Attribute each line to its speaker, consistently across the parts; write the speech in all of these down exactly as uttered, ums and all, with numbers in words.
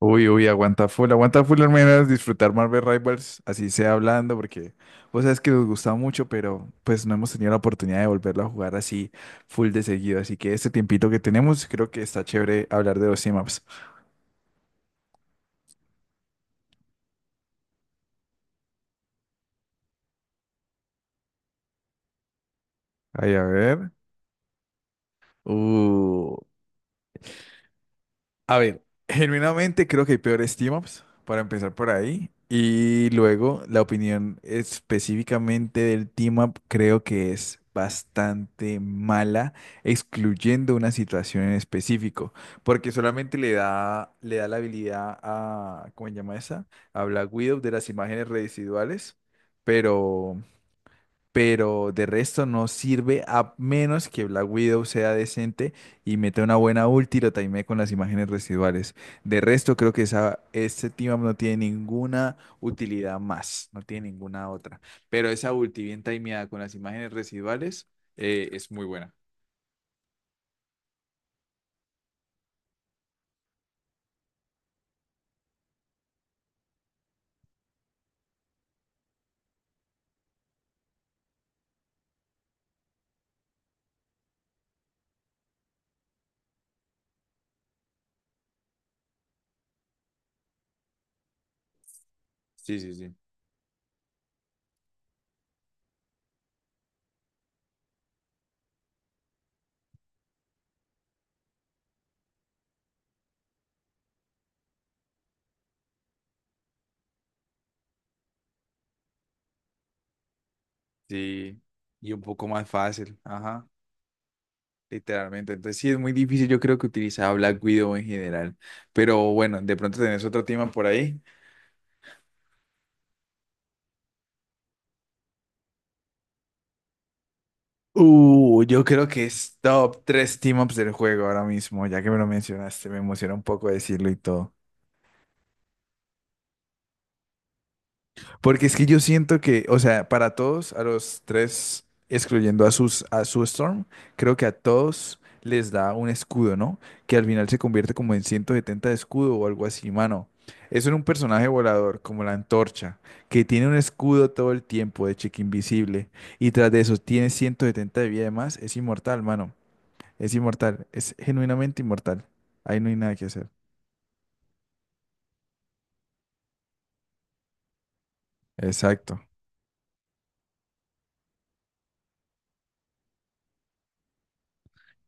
Speaker 1: Uy, uy, aguanta full, aguanta full al menos disfrutar Marvel Rivals, así sea hablando, porque vos sabes que nos gusta mucho, pero pues no hemos tenido la oportunidad de volverlo a jugar así full de seguido. Así que este tiempito que tenemos, creo que está chévere hablar de los maps. Ay, a ver. Uh. A ver, genuinamente creo que hay peores team-ups, para empezar por ahí. Y luego la opinión específicamente del team-up creo que es bastante mala, excluyendo una situación en específico, porque solamente le da, le da la habilidad a, ¿cómo se llama esa? A Black Widow de las imágenes residuales, pero pero de resto no sirve a menos que Black Widow sea decente y meta una buena ulti y lo timee con las imágenes residuales. De resto, creo que esa, este team up no tiene ninguna utilidad más, no tiene ninguna otra. Pero esa ulti bien timeada con las imágenes residuales eh, es muy buena. Sí, sí, sí. Sí, y un poco más fácil, ajá, literalmente. Entonces sí es muy difícil, yo creo que utilizar Black Widow en general. Pero bueno, de pronto tenés otro tema por ahí. Uh, yo creo que es top tres team-ups del juego ahora mismo, ya que me lo mencionaste, me emociona un poco decirlo y todo. Porque es que yo siento que, o sea, para todos, a los tres, excluyendo a sus, a su Storm, creo que a todos les da un escudo, ¿no? Que al final se convierte como en ciento setenta de escudo o algo así, mano. Eso en un personaje volador, como la antorcha, que tiene un escudo todo el tiempo de cheque invisible, y tras de eso tiene ciento setenta de vida de más, es inmortal, mano. Es inmortal, es genuinamente inmortal. Ahí no hay nada que hacer. Exacto,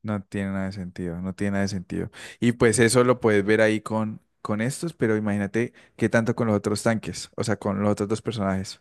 Speaker 1: no tiene nada de sentido, no tiene nada de sentido. Y pues eso lo puedes ver ahí con, con estos, pero imagínate qué tanto con los otros tanques, o sea, con los otros dos personajes.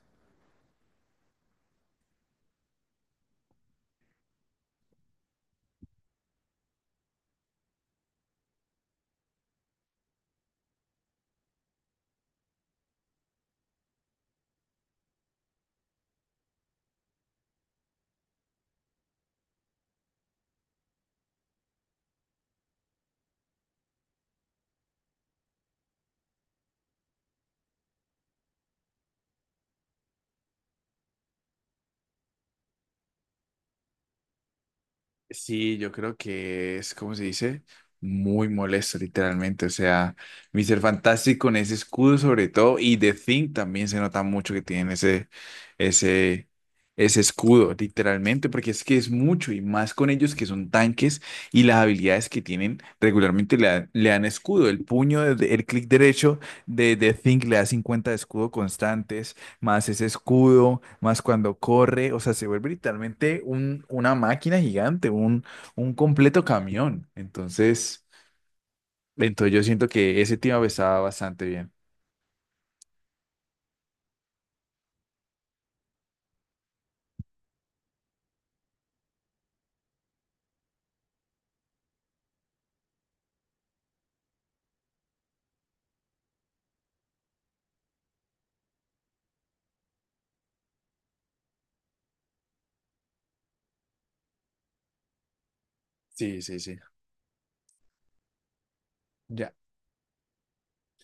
Speaker 1: Sí, yo creo que es, ¿cómo se dice? Muy molesto, literalmente. O sea, mister Fantastic con ese escudo sobre todo y The Thing también se nota mucho que tienen ese, ese, ese escudo, literalmente, porque es que es mucho y más con ellos que son tanques y las habilidades que tienen regularmente le, da- le dan escudo. El puño, de- el clic derecho de The Thing le da cincuenta de escudo constante más ese escudo, más cuando corre, o sea, se vuelve literalmente un, una máquina gigante, un, un completo camión. Entonces, entonces yo siento que ese tema estaba bastante bien. Sí, sí, sí. Ya,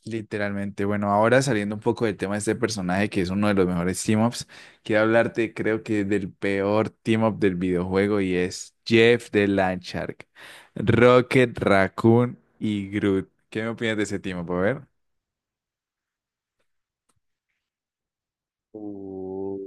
Speaker 1: literalmente. Bueno, ahora saliendo un poco del tema de este personaje que es uno de los mejores team-ups, quiero hablarte, creo que del peor team-up del videojuego y es Jeff de Landshark, Rocket, Raccoon y Groot. ¿Qué me opinas de ese team-up? A ver. Uh,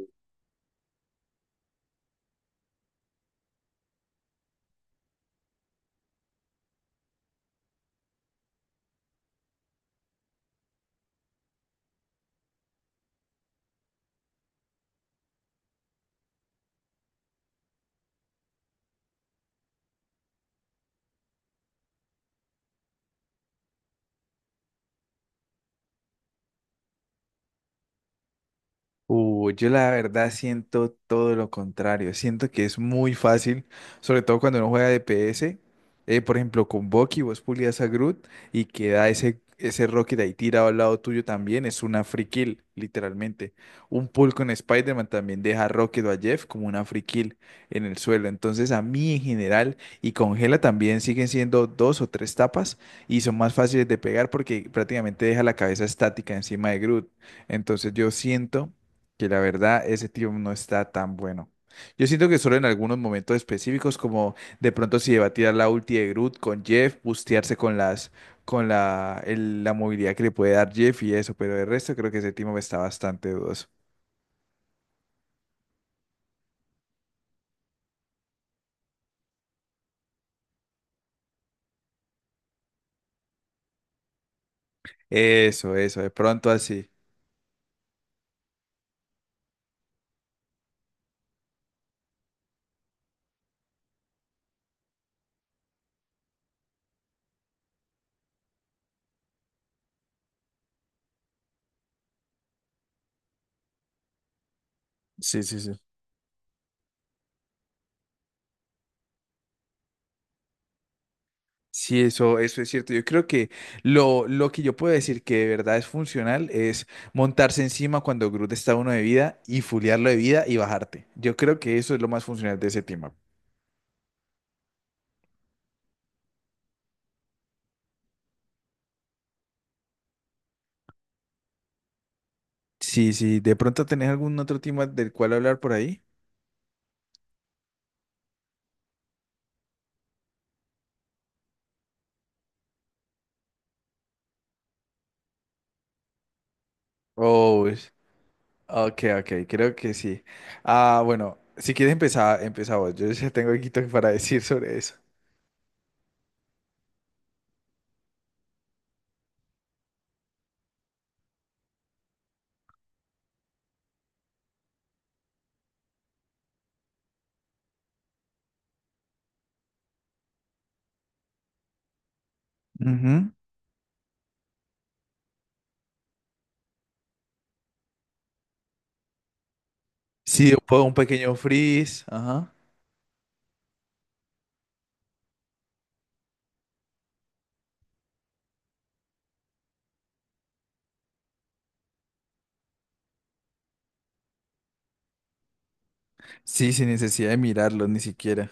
Speaker 1: Uh, yo la verdad siento todo lo contrario. Siento que es muy fácil, sobre todo cuando uno juega D P S. eh, por ejemplo, con Bucky, vos pulias a Groot y queda ese, ese Rocket ahí tirado al lado tuyo también. Es una free kill, literalmente. Un pull con Spider-Man también deja a Rocket o a Jeff como una free kill en el suelo. Entonces, a mí en general y con Gela también siguen siendo dos o tres tapas y son más fáciles de pegar porque prácticamente deja la cabeza estática encima de Groot. Entonces, yo siento que la verdad ese tío no está tan bueno. Yo siento que solo en algunos momentos específicos, como de pronto si debatía la ulti de Groot con Jeff, bustearse con las, con la, el- la movilidad que le puede dar Jeff y eso, pero de resto creo que ese me está bastante dudoso. Eso, eso, de pronto así. Sí, sí, sí. Sí, eso, eso es cierto. Yo creo que lo, lo que yo puedo decir que de verdad es funcional es montarse encima cuando Groot está uno de vida y fulearlo de vida y bajarte. Yo creo que eso es lo más funcional de ese team. Sí, sí, ¿de pronto tenés algún otro tema del cual hablar por ahí? Oh, es- ok, ok, creo que sí. Ah, bueno, si quieres empezar, empezá vos. Yo ya tengo aquí to- para decir sobre eso. Ujú. Sí, un po- un pequeño freeze, ajá. Sí, sin necesidad de mirarlo ni siquiera.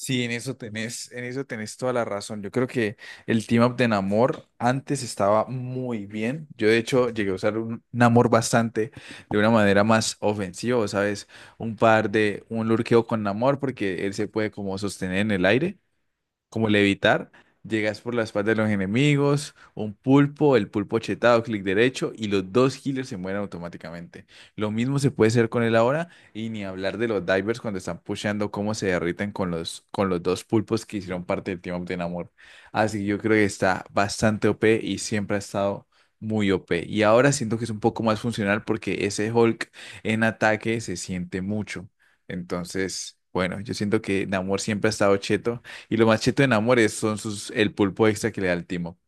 Speaker 1: Sí, en eso tenés, en eso tenés toda la razón. Yo creo que el team up de Namor antes estaba muy bien. Yo de hecho llegué a usar un Namor bastante de una manera más ofensiva, ¿sabes? Un par de, un lurkeo con Namor porque él se puede como sostener en el aire como levitar, llegas por la espalda de los enemigos, un pulpo, el pulpo chetado, clic derecho, y los dos healers se mueren automáticamente. Lo mismo se puede hacer con él ahora, y ni hablar de los divers cuando están pusheando cómo se derriten con los, con los dos pulpos que hicieron parte del Team Up de Namor. Así que yo creo que está bastante O P y siempre ha estado muy O P. Y ahora siento que es un poco más funcional porque ese Hulk en ataque se siente mucho. Entonces, bueno, yo siento que Namor siempre ha estado cheto y lo más machito en amores son sus, el pulpo extra que le da el timo.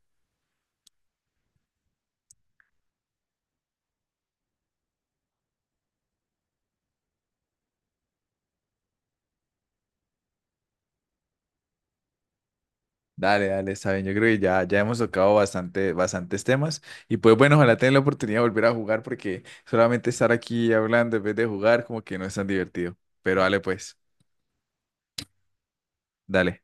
Speaker 1: Dale, dale, está bien. Yo creo que ya, ya hemos tocado bastante, bastantes temas. Y pues bueno, ojalá tengan la oportunidad de volver a jugar porque solamente estar aquí hablando en vez de jugar como que no es tan divertido. Pero dale pues, dale.